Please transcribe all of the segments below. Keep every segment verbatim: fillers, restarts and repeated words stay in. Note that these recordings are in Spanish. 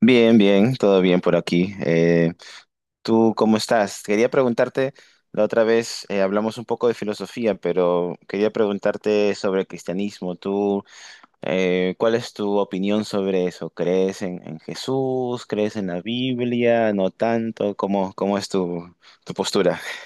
Bien, bien, todo bien por aquí. Eh, ¿tú cómo estás? Quería preguntarte, la otra vez eh, hablamos un poco de filosofía, pero quería preguntarte sobre el cristianismo. ¿Tú, eh, cuál es tu opinión sobre eso? ¿Crees en, en Jesús? ¿Crees en la Biblia? ¿No tanto? ¿Cómo, cómo es tu, tu postura?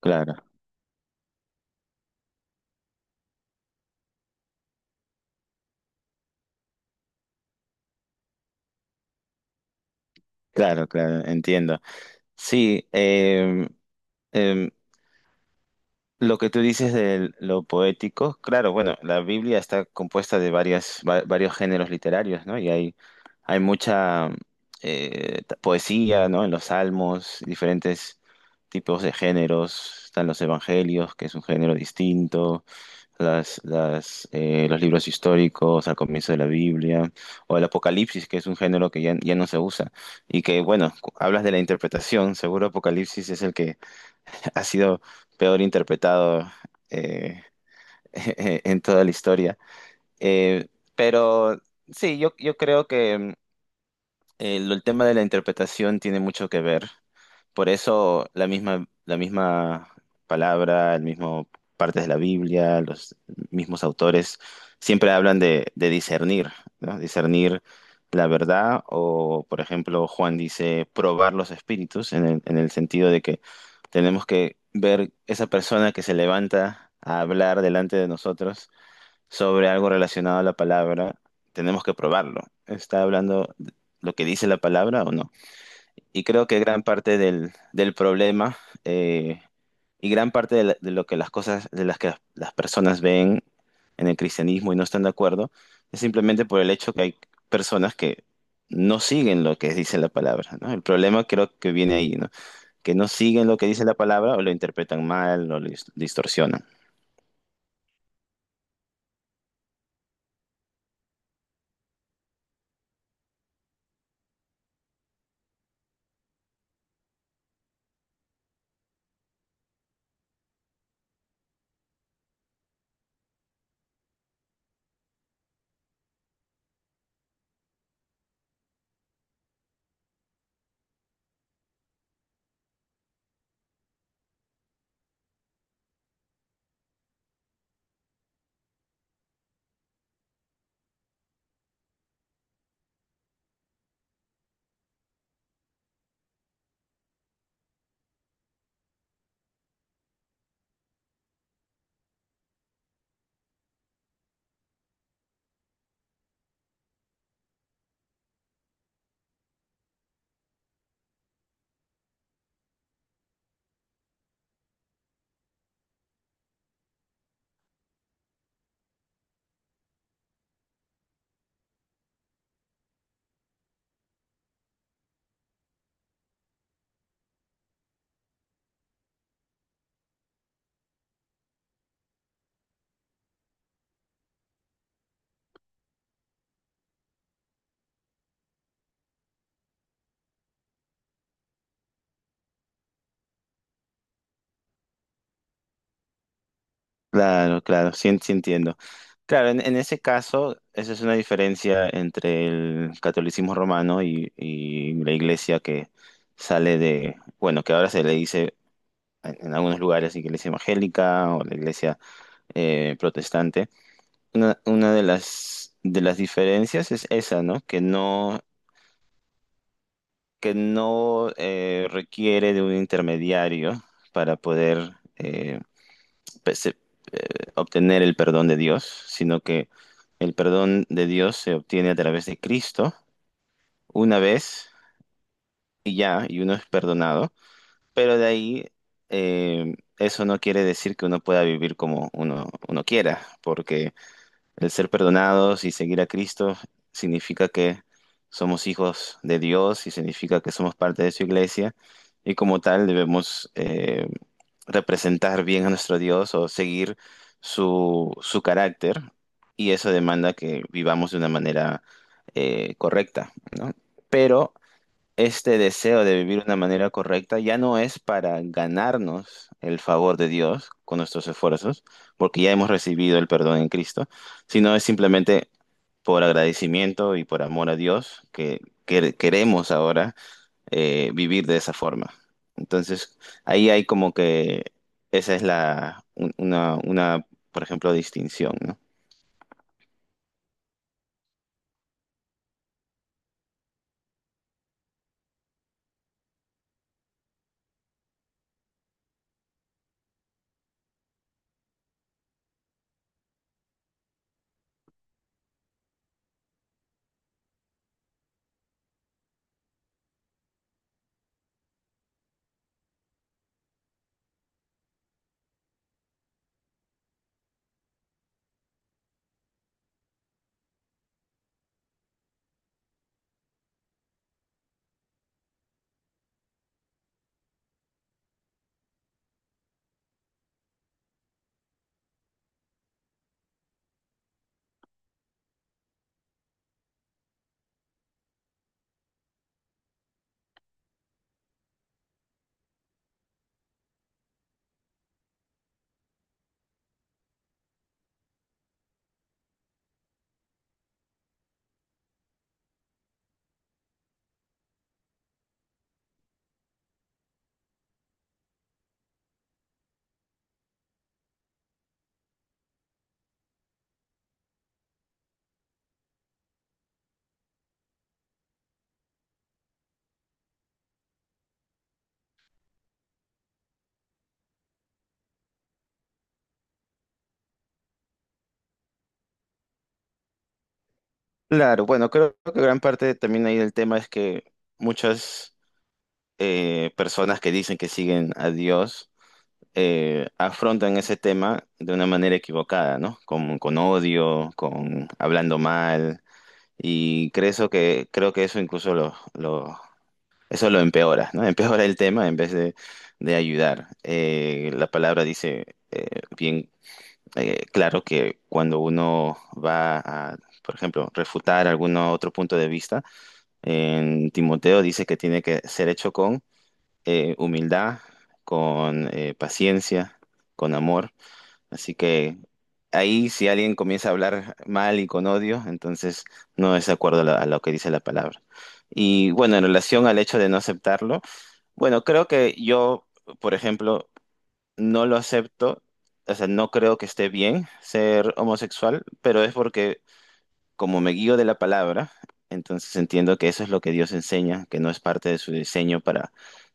Claro, claro, claro, entiendo. Sí, em, em, lo que tú dices de lo poético, claro, bueno, la Biblia está compuesta de varias, va- varios géneros literarios, ¿no? Y hay, hay mucha eh, ta- poesía, ¿no? En los salmos, diferentes tipos de géneros, están los evangelios, que es un género distinto, las, las, eh, los libros históricos al comienzo de la Biblia, o el Apocalipsis, que es un género que ya, ya no se usa, y que, bueno, cu- hablas de la interpretación, seguro Apocalipsis es el que ha sido peor interpretado eh, en toda la historia. Eh, pero sí, yo, yo creo que mm, el, el tema de la interpretación tiene mucho que ver. Por eso la misma, la misma palabra, el mismo partes de la Biblia, los mismos autores siempre hablan de, de discernir, ¿no? Discernir la verdad o, por ejemplo, Juan dice probar los espíritus en el, en el sentido de que tenemos que ver esa persona que se levanta a hablar delante de nosotros sobre algo relacionado a la palabra, tenemos que probarlo. ¿Está hablando lo que dice la palabra o no? Y creo que gran parte del, del problema eh, y gran parte de, la- de lo que las cosas, de las que las, las personas ven en el cristianismo y no están de acuerdo, es simplemente por el hecho que hay personas que no siguen lo que dice la palabra, ¿no? El problema creo que viene ahí, ¿no? Que no siguen lo que dice la palabra o lo interpretan mal o lo dis- distorsionan. Claro, claro, sí, sí entiendo. Claro, en, en ese caso, esa es una diferencia entre el catolicismo romano y, y la iglesia que sale de, bueno, que ahora se le dice en, en algunos lugares iglesia evangélica o la iglesia eh, protestante. Una, una de las, de las diferencias es esa, ¿no? Que no, que no eh, requiere de un intermediario para poder, eh, pues, eh, obtener el perdón de Dios, sino que el perdón de Dios se obtiene a través de Cristo una vez y ya, y uno es perdonado, pero de ahí eh, eso no quiere decir que uno pueda vivir como uno, uno quiera, porque el ser perdonados y seguir a Cristo significa que somos hijos de Dios y significa que somos parte de su iglesia y como tal debemos... eh, representar bien a nuestro Dios o seguir su, su carácter y eso demanda que vivamos de una manera eh, correcta, ¿no? Pero este deseo de vivir de una manera correcta ya no es para ganarnos el favor de Dios con nuestros esfuerzos, porque ya hemos recibido el perdón en Cristo, sino es simplemente por agradecimiento y por amor a Dios que que queremos ahora eh, vivir de esa forma. Entonces, ahí hay como que esa es la, un- una, una, por ejemplo, distinción, ¿no? Claro, bueno, creo que gran parte también ahí del tema es que muchas eh, personas que dicen que siguen a Dios eh, afrontan ese tema de una manera equivocada, ¿no? Con, con odio, con hablando mal, y creo eso que, creo que eso incluso los eso lo empeora, ¿no? Empeora el tema en vez de, de ayudar. Eh, la palabra dice eh, bien eh, claro que cuando uno va a, por ejemplo, refutar algún otro punto de vista, en Timoteo dice que tiene que ser hecho con eh, humildad, con eh, paciencia, con amor. Así que ahí si alguien comienza a hablar mal y con odio, entonces no es de acuerdo a la- a lo que dice la palabra. Y bueno, en relación al hecho de no aceptarlo, bueno, creo que yo, por ejemplo, no lo acepto, o sea, no creo que esté bien ser homosexual, pero es porque como me guío de la palabra, entonces entiendo que eso es lo que Dios enseña, que no es parte de su diseño para,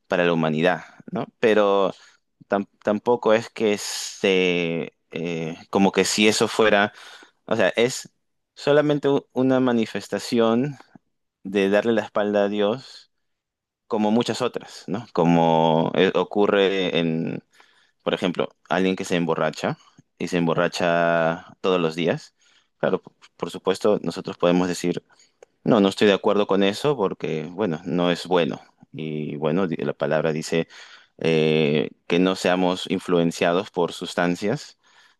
para la humanidad, ¿no? Pero tam- tampoco es que se, eh, como que si eso fuera, o sea, es solamente u- una manifestación de darle la espalda a Dios como muchas otras, ¿no? Como eh, ocurre en, por ejemplo, alguien que se emborracha y se emborracha todos los días. Claro, p- por supuesto, nosotros podemos decir, no, no estoy de acuerdo con eso porque, bueno, no es bueno. Y bueno, di- la palabra dice eh, que no seamos influenciados por sustancias.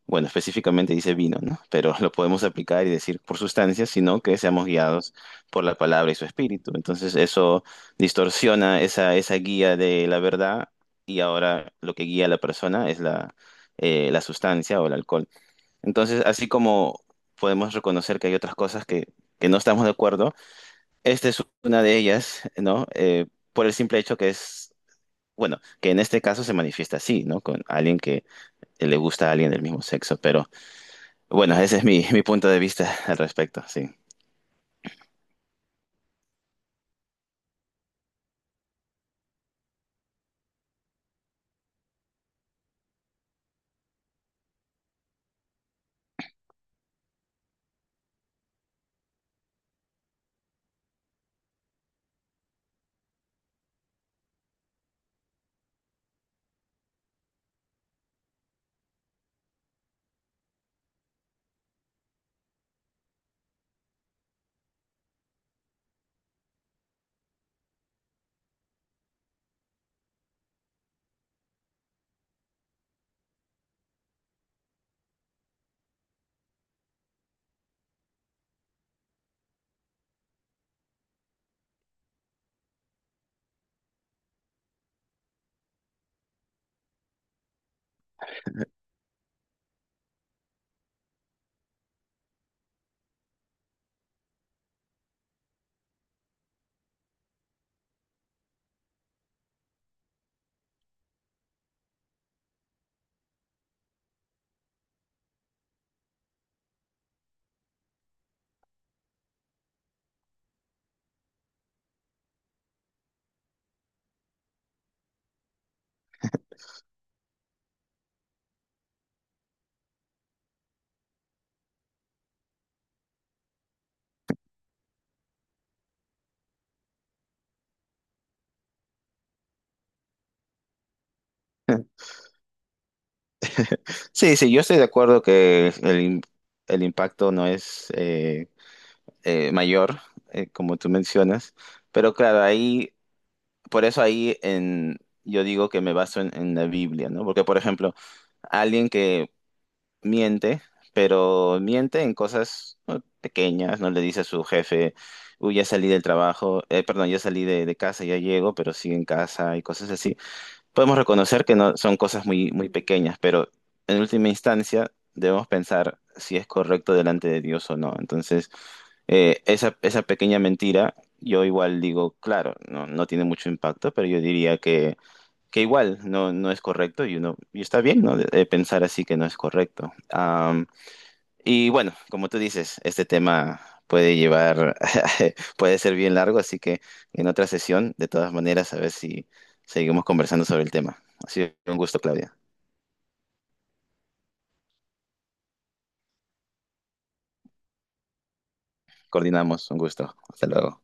Bueno, específicamente dice vino, ¿no? Pero lo podemos aplicar y decir por sustancias, sino que seamos guiados por la palabra y su espíritu. Entonces eso distorsiona esa, esa guía de la verdad y ahora lo que guía a la persona es la, eh, la sustancia o el alcohol. Entonces, así como podemos reconocer que hay otras cosas que que no estamos de acuerdo, esta es una de ellas, ¿no? Eh, por el simple hecho que es, bueno, que en este caso se manifiesta así, ¿no? Con alguien que le gusta a alguien del mismo sexo, pero bueno, ese es mi, mi punto de vista al respecto, sí. Sí, sí, yo estoy de acuerdo que el, im- el impacto no es eh, eh, mayor, eh, como tú mencionas, pero claro, ahí, por eso ahí en, yo digo que me baso en, en la Biblia, ¿no? Porque, por ejemplo, alguien que miente, pero miente en cosas, ¿no?, pequeñas, no le dice a su jefe, uy, ya salí del trabajo, eh, perdón, ya salí de, de casa, ya llego, pero sigue en casa y cosas así. Podemos reconocer que no son cosas muy, muy pequeñas, pero en última instancia debemos pensar si es correcto delante de Dios o no. Entonces, eh, esa, esa pequeña mentira, yo igual digo, claro, no, no tiene mucho impacto, pero yo diría que que igual no, no es correcto y uno y está bien, ¿no?, de- de pensar así que no es correcto. Am, y bueno, como tú dices, este tema puede llevar, puede ser bien largo, así que en otra sesión, de todas maneras, a ver si seguimos conversando sobre el tema. Ha sido un gusto, Claudia. Coordinamos, un gusto. Hasta luego.